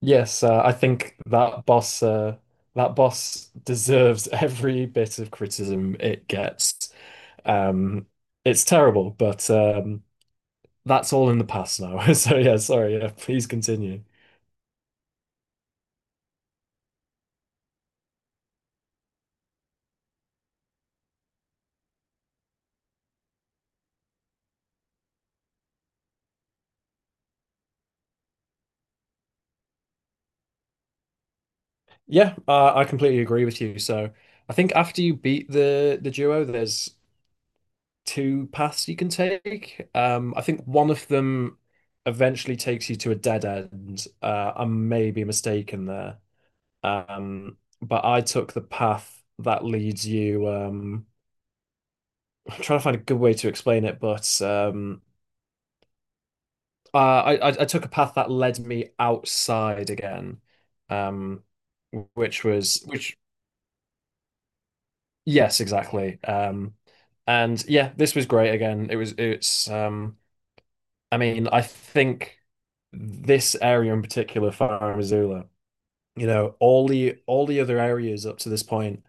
Yes, I think that boss deserves every bit of criticism it gets. Um, it's terrible, but that's all in the past now. So yeah, sorry. Yeah, please continue. Yeah, I completely agree with you. So I think after you beat the duo, there's two paths you can take. I think one of them eventually takes you to a dead end. I may be mistaken there. But I took the path that leads you. I'm trying to find a good way to explain it, but I took a path that led me outside again, um, which was which yes, exactly. And yeah, this was great again. It was it's I mean I think this area in particular, Far Missoula, you know, all the other areas up to this point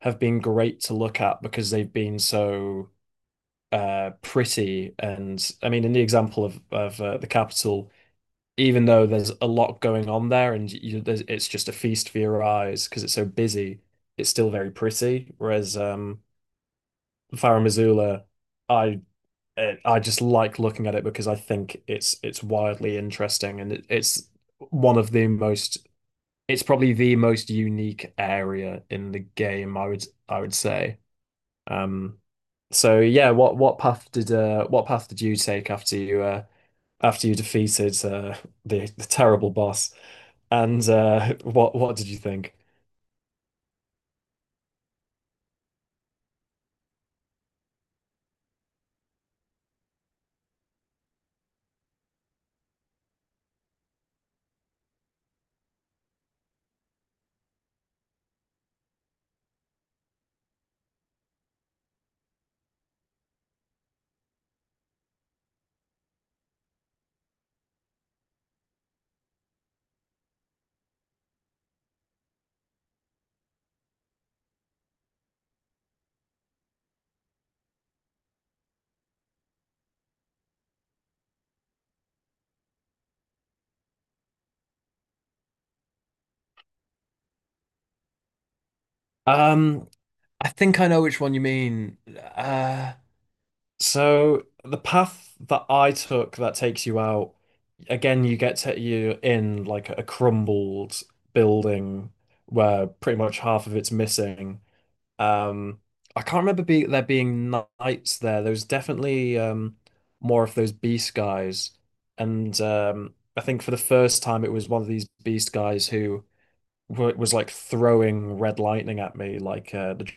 have been great to look at because they've been so pretty. And I mean, in the example of the capital, even though there's a lot going on there, and it's just a feast for your eyes because it's so busy, it's still very pretty. Whereas Faro Missoula, I I just like looking at it because I think it's wildly interesting and it's one of the most— it's probably the most unique area in the game, I would say. Um, so yeah, what path did you take after you defeated the terrible boss? And what did you think? Um, I think I know which one you mean. Uh, so the path that I took that takes you out, again, you get to you in like a crumbled building where pretty much half of it's missing. Um, I can't remember be there being knights there. There was definitely more of those beast guys, and I think for the first time it was one of these beast guys who w was like throwing red lightning at me.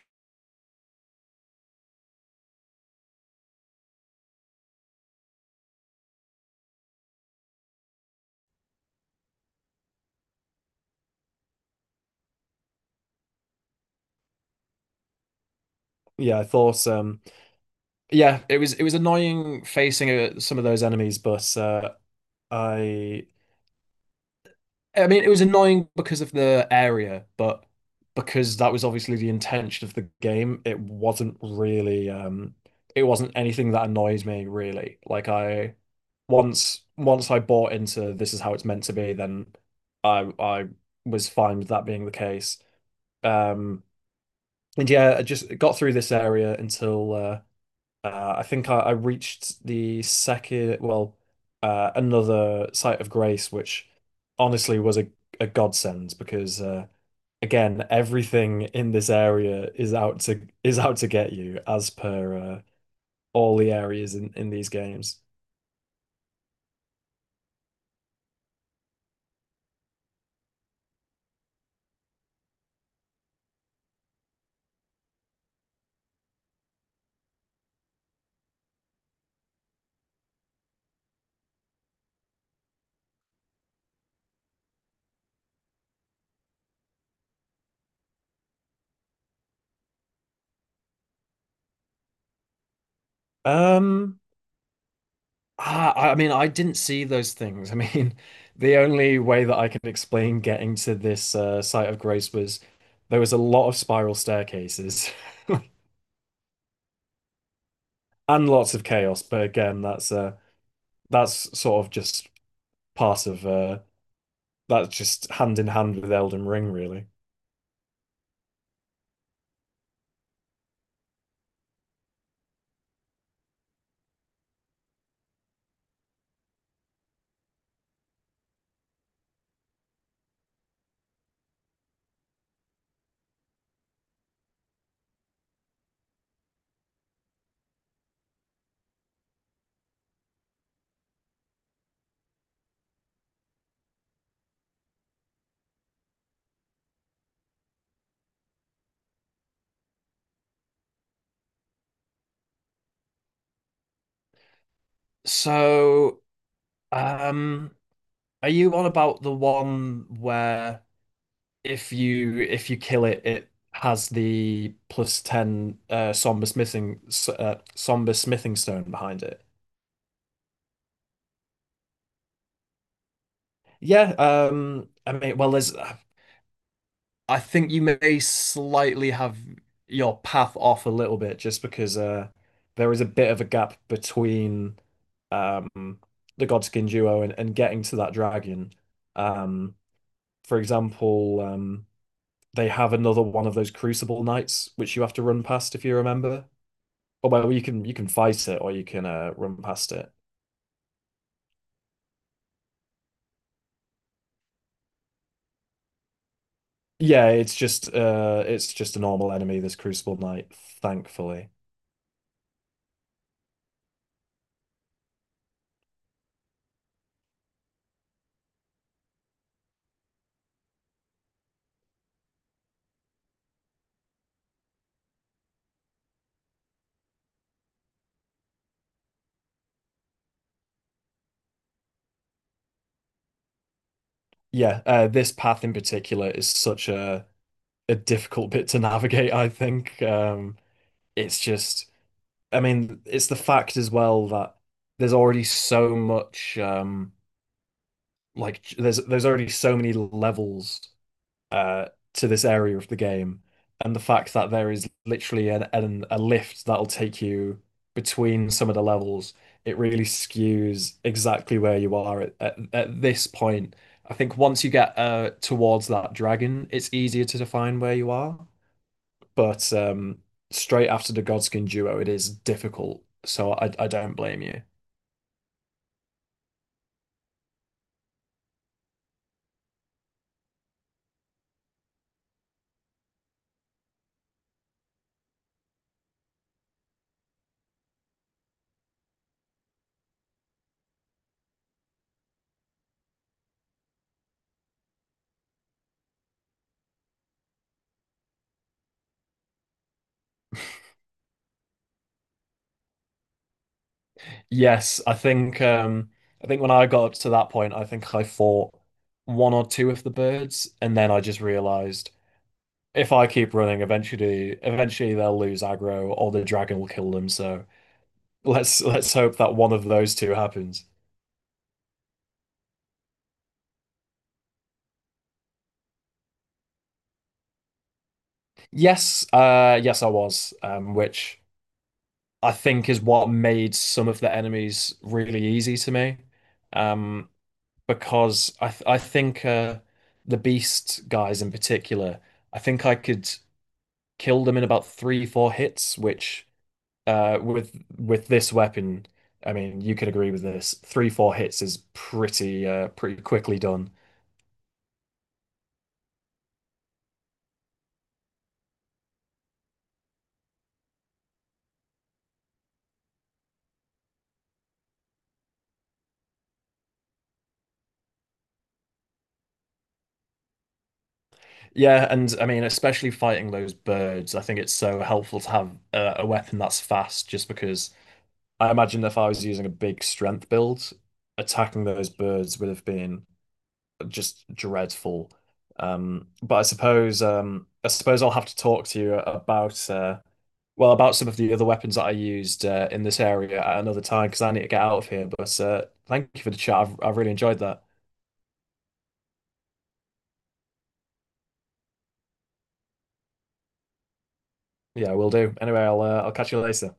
Yeah, I thought, yeah, it was annoying facing some of those enemies, but I I mean, it was annoying because of the area, but because that was obviously the intention of the game, it wasn't really it wasn't anything that annoys me, really. Like I, once once I bought into this is how it's meant to be, then I was fine with that being the case. Um and yeah, I just got through this area until I reached the second, well, another site of grace, which honestly was a godsend because again, everything in this area is out to— is out to get you, as per all the areas in these games. Um, ah, I mean, I didn't see those things. I mean, the only way that I can explain getting to this site of grace was there was a lot of spiral staircases. And lots of chaos. But again, that's sort of just part of that's just hand in hand with Elden Ring, really. So, um, are you on about the one where if you kill it, it has the plus ten somber smithing stone behind it? Yeah. I mean, well, there's I think you may slightly have your path off a little bit just because there is a bit of a gap between um, the Godskin duo and getting to that dragon. Um, for example, they have another one of those Crucible Knights which you have to run past if you remember. Or well, you can fight it or you can run past it. Yeah, it's just a normal enemy, this Crucible Knight, thankfully. Yeah, this path in particular is such a difficult bit to navigate, I think. It's just, I mean, it's the fact as well that there's already so much, like there's already so many levels uh to this area of the game, and the fact that there is literally an a lift that'll take you between some of the levels, it really skews exactly where you are at, at this point. I think once you get towards that dragon, it's easier to define where you are. But straight after the Godskin duo, it is difficult. So I don't blame you. Yes, I think when I got to that point, I think I fought one or two of the birds, and then I just realized if I keep running, eventually, eventually they'll lose aggro or the dragon will kill them. So let's hope that one of those two happens. Yes, yes, I was, which I think is what made some of the enemies really easy to me. Um, because I think the beast guys in particular, I think I could kill them in about three, four hits, which with this weapon, I mean, you could agree with this. Three, four hits is pretty pretty quickly done. Yeah, and I mean, especially fighting those birds, I think it's so helpful to have a weapon that's fast, just because I imagine if I was using a big strength build, attacking those birds would have been just dreadful. But I suppose I'll have to talk to you about well, about some of the other weapons that I used in this area at another time because I need to get out of here. But thank you for the chat. I've really enjoyed that. Yeah, we will do. Anyway, I'll catch you later.